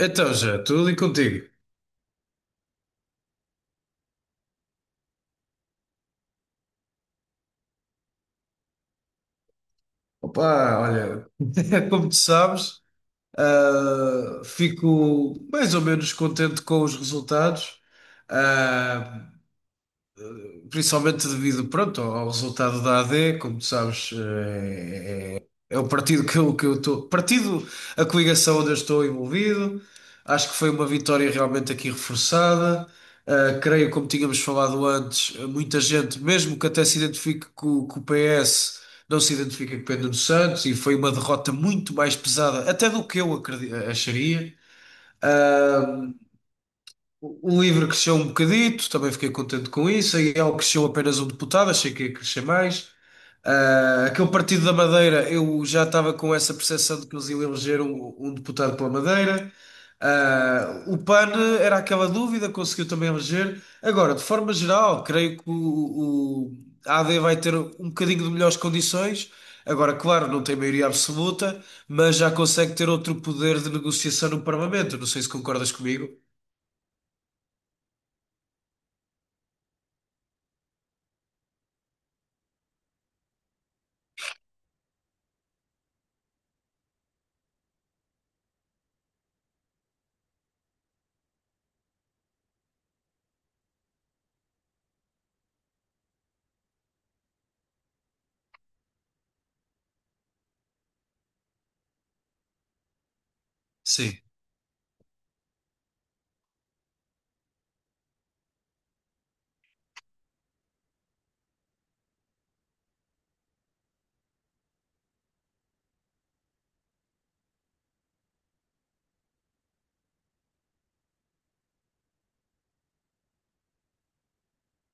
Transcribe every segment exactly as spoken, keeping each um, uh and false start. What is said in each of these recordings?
Então, já, tudo e contigo? Opa, olha, como tu sabes, ah, fico mais ou menos contente com os resultados. ah, Principalmente devido, pronto, ao ao resultado da A D, como tu sabes. eh, É o partido que eu, que eu estou. Partido, a coligação onde eu estou envolvido. Acho que foi uma vitória realmente aqui reforçada. Ah, creio, como tínhamos falado antes, muita gente, mesmo que até se identifique com, com o P S, não se identifica com Pedro Santos e foi uma derrota muito mais pesada, até do que eu acredi- acharia. Ah, o livro cresceu um bocadito, também fiquei contente com isso. A I E L cresceu apenas um deputado, achei que ia crescer mais. Ah, aquele Partido da Madeira, eu já estava com essa percepção de que eles iam eleger um, um deputado pela Madeira. Ah, o PAN era aquela dúvida, conseguiu também eleger. Agora, de forma geral, creio que o, o A D vai ter um bocadinho de melhores condições. Agora, claro, não tem maioria absoluta, mas já consegue ter outro poder de negociação no Parlamento. Não sei se concordas comigo. Sim.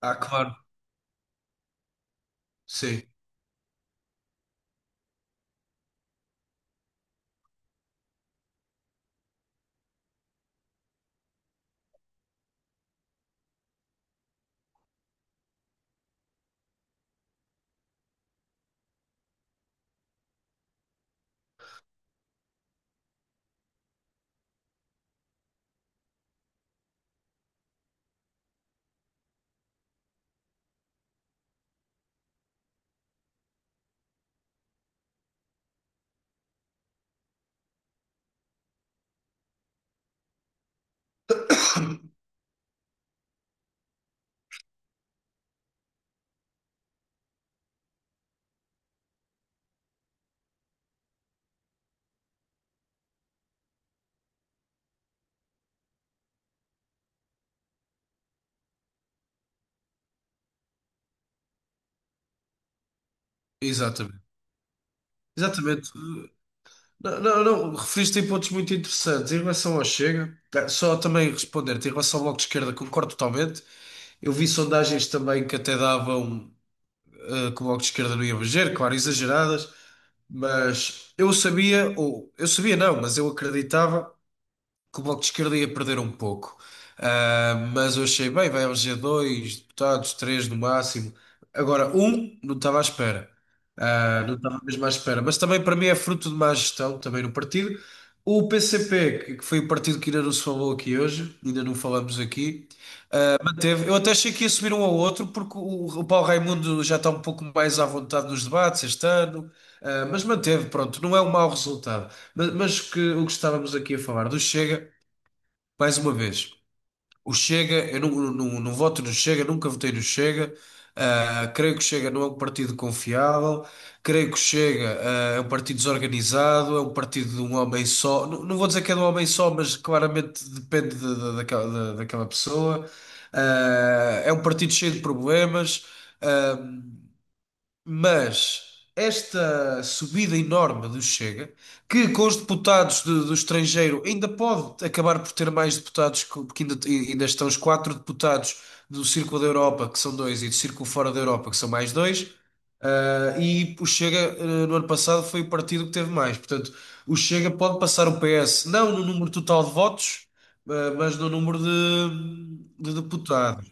Ah, claro. Sim, exatamente. Exatamente. Não, não, não, referiste em pontos muito interessantes. Em relação ao Chega, tá, só também responder-te, em relação ao Bloco de Esquerda, concordo totalmente. Eu vi sondagens também que até davam, eh, que o Bloco de Esquerda não ia eleger, claro, exageradas, mas eu sabia, ou eu sabia não, mas eu acreditava. Que o Bloco de Esquerda ia perder um pouco. Ah, mas eu achei, bem, vai eleger dois deputados, três no máximo. Agora, um não estava à espera. Ah, não. Yeah. Estava mesmo à espera. Mas também para mim é fruto de má gestão também no partido. O P PCP, que que foi o partido que ainda não se falou aqui hoje, ainda não falamos aqui, ah, manteve. Eu até achei que ia subir um ao outro, porque o, o Paulo Raimundo já está um pouco mais à vontade nos debates este ano. Ah, mas manteve, pronto, não é um mau resultado. Mas, mas que, o que estávamos aqui a falar do Chega. Mais uma vez, o Chega, eu não, não, não voto no Chega, nunca votei no Chega. Ah, creio que o Chega não é um partido confiável. Creio que o Chega, ah, é um partido desorganizado, é um partido de um homem só. Não, não vou dizer que é de um homem só, mas claramente depende de- de- daquela, da- daquela pessoa. Ah, é um partido cheio de problemas. Ah, mas esta subida enorme do Chega, que com os deputados de- do estrangeiro ainda pode acabar por ter mais deputados, que- porque ainda, ainda estão os quatro deputados do Círculo da Europa, que são dois, e do Círculo fora da Europa, que são mais dois. Ah, e o Chega, ah, no ano passado foi o partido que teve mais. Portanto, o Chega pode passar o P S, não no número total de votos, ah, mas no número de de deputados.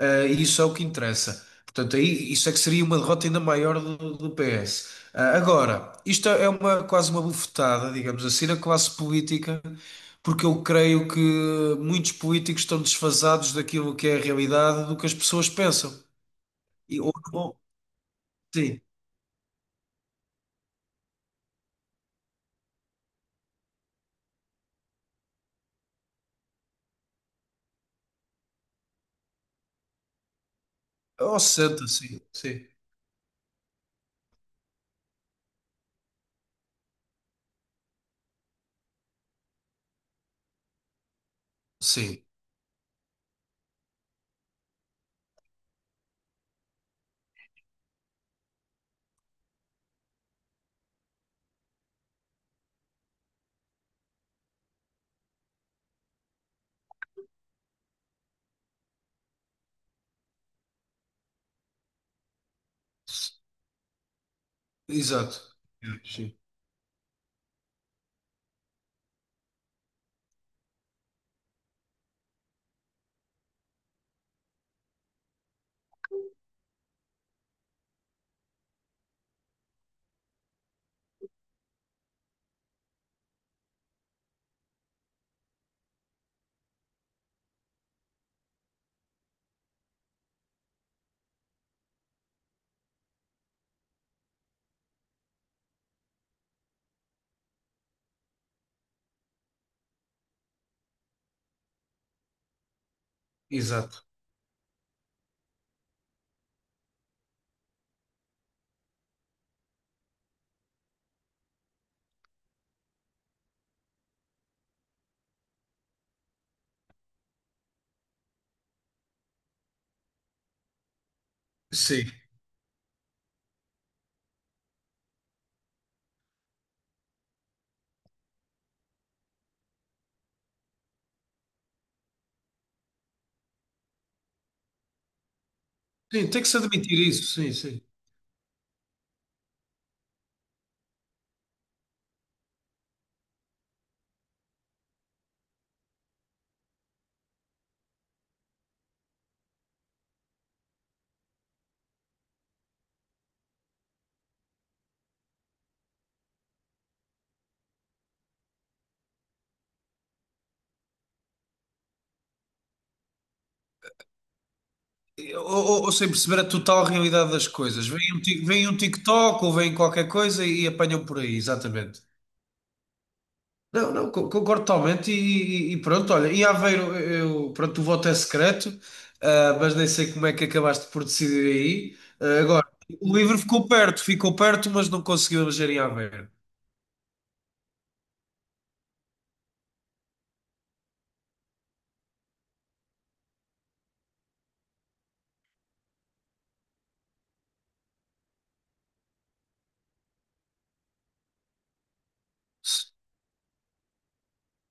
Uh, e isso é o que interessa. Portanto, aí, isso é que seria uma derrota ainda maior do, do P S. Uh, agora, isto é uma, quase uma bufetada, digamos assim, na classe política, porque eu creio que muitos políticos estão desfasados daquilo que é a realidade, do que as pessoas pensam. E, ou, ou, sim, ou senta, sim, sim, sim, exato. Sim, exato. Sim. Sim, tem que se admitir isso, sim, sim. Ou, ou- ou sem perceber a total realidade das coisas. Vem um, Tik- vem um TikTok ou vem qualquer coisa e apanham por aí, exatamente. Não, não, co- concordo totalmente e, e- e pronto, olha, em Aveiro, eu, pronto, o voto é secreto, ah, mas nem sei como é que acabaste por decidir aí. Ah, agora, o livro ficou perto, ficou perto, mas não conseguiu eleger em Aveiro.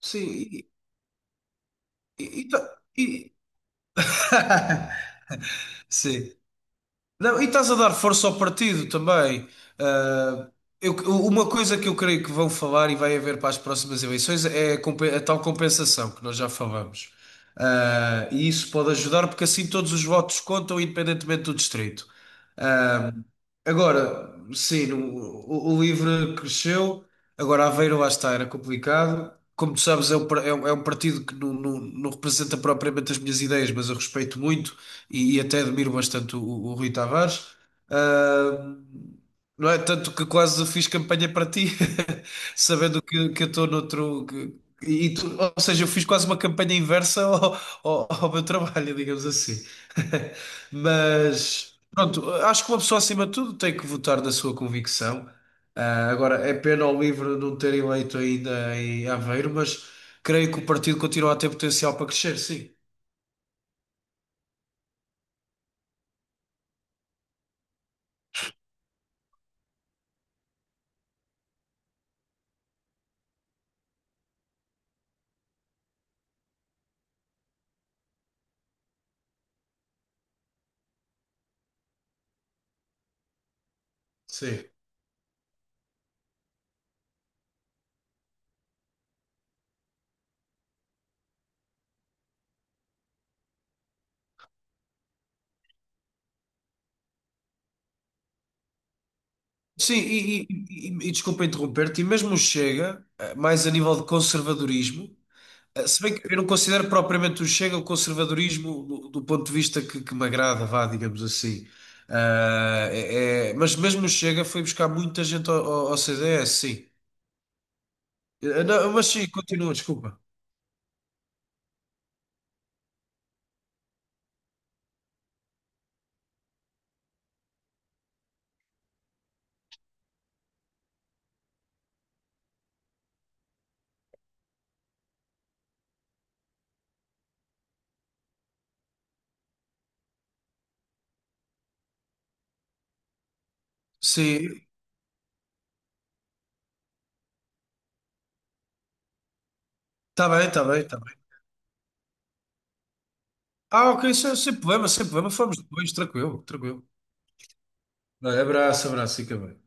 Sim, e, e- e tá- e- Sim. Não, e estás a dar força ao partido também. Ah, eu- uma coisa que eu creio que vão falar e vai haver para as próximas eleições é a, compe- a tal compensação que nós já falamos. Ah, e isso pode ajudar porque assim todos os votos contam, independentemente do distrito. Ah, Agora, sim, o, o o LIVRE cresceu. Agora, Aveiro, lá está, era complicado. Como tu sabes, é um, par- é um- é um partido que não, não- não representa propriamente as minhas ideias, mas eu respeito muito e, e até admiro bastante o, o Rui Tavares. Ah, não é? Tanto que quase fiz campanha para ti, sabendo que, que eu estou noutro. Que- e tu- ou seja, eu fiz quase uma campanha inversa ao, ao- ao meu trabalho, digamos assim. Mas, pronto, acho que uma pessoa acima de tudo tem que votar na sua convicção. Ah, agora, é pena ao LIVRE não ter eleito ainda em Aveiro, mas creio que o partido continua a ter potencial para crescer, sim. Sim. Sim, e, e, e, e desculpa interromper-te, e mesmo o Chega, ah, mais a nível de conservadorismo. Ah, se bem que eu não considero propriamente o Chega o conservadorismo do, do ponto de vista que, que me agrada, vá, digamos assim. Ah, é- é- mas mesmo o Chega foi buscar muita gente ao, ao ao C D S, sim. Ah, não, mas sim, continua, desculpa. Sim, está bem, está bem, está bem. Ah, ok, sem, sem problema, sem problema. Falamos depois, tranquilo, tranquilo. Não, abraço, abraço, fica bem.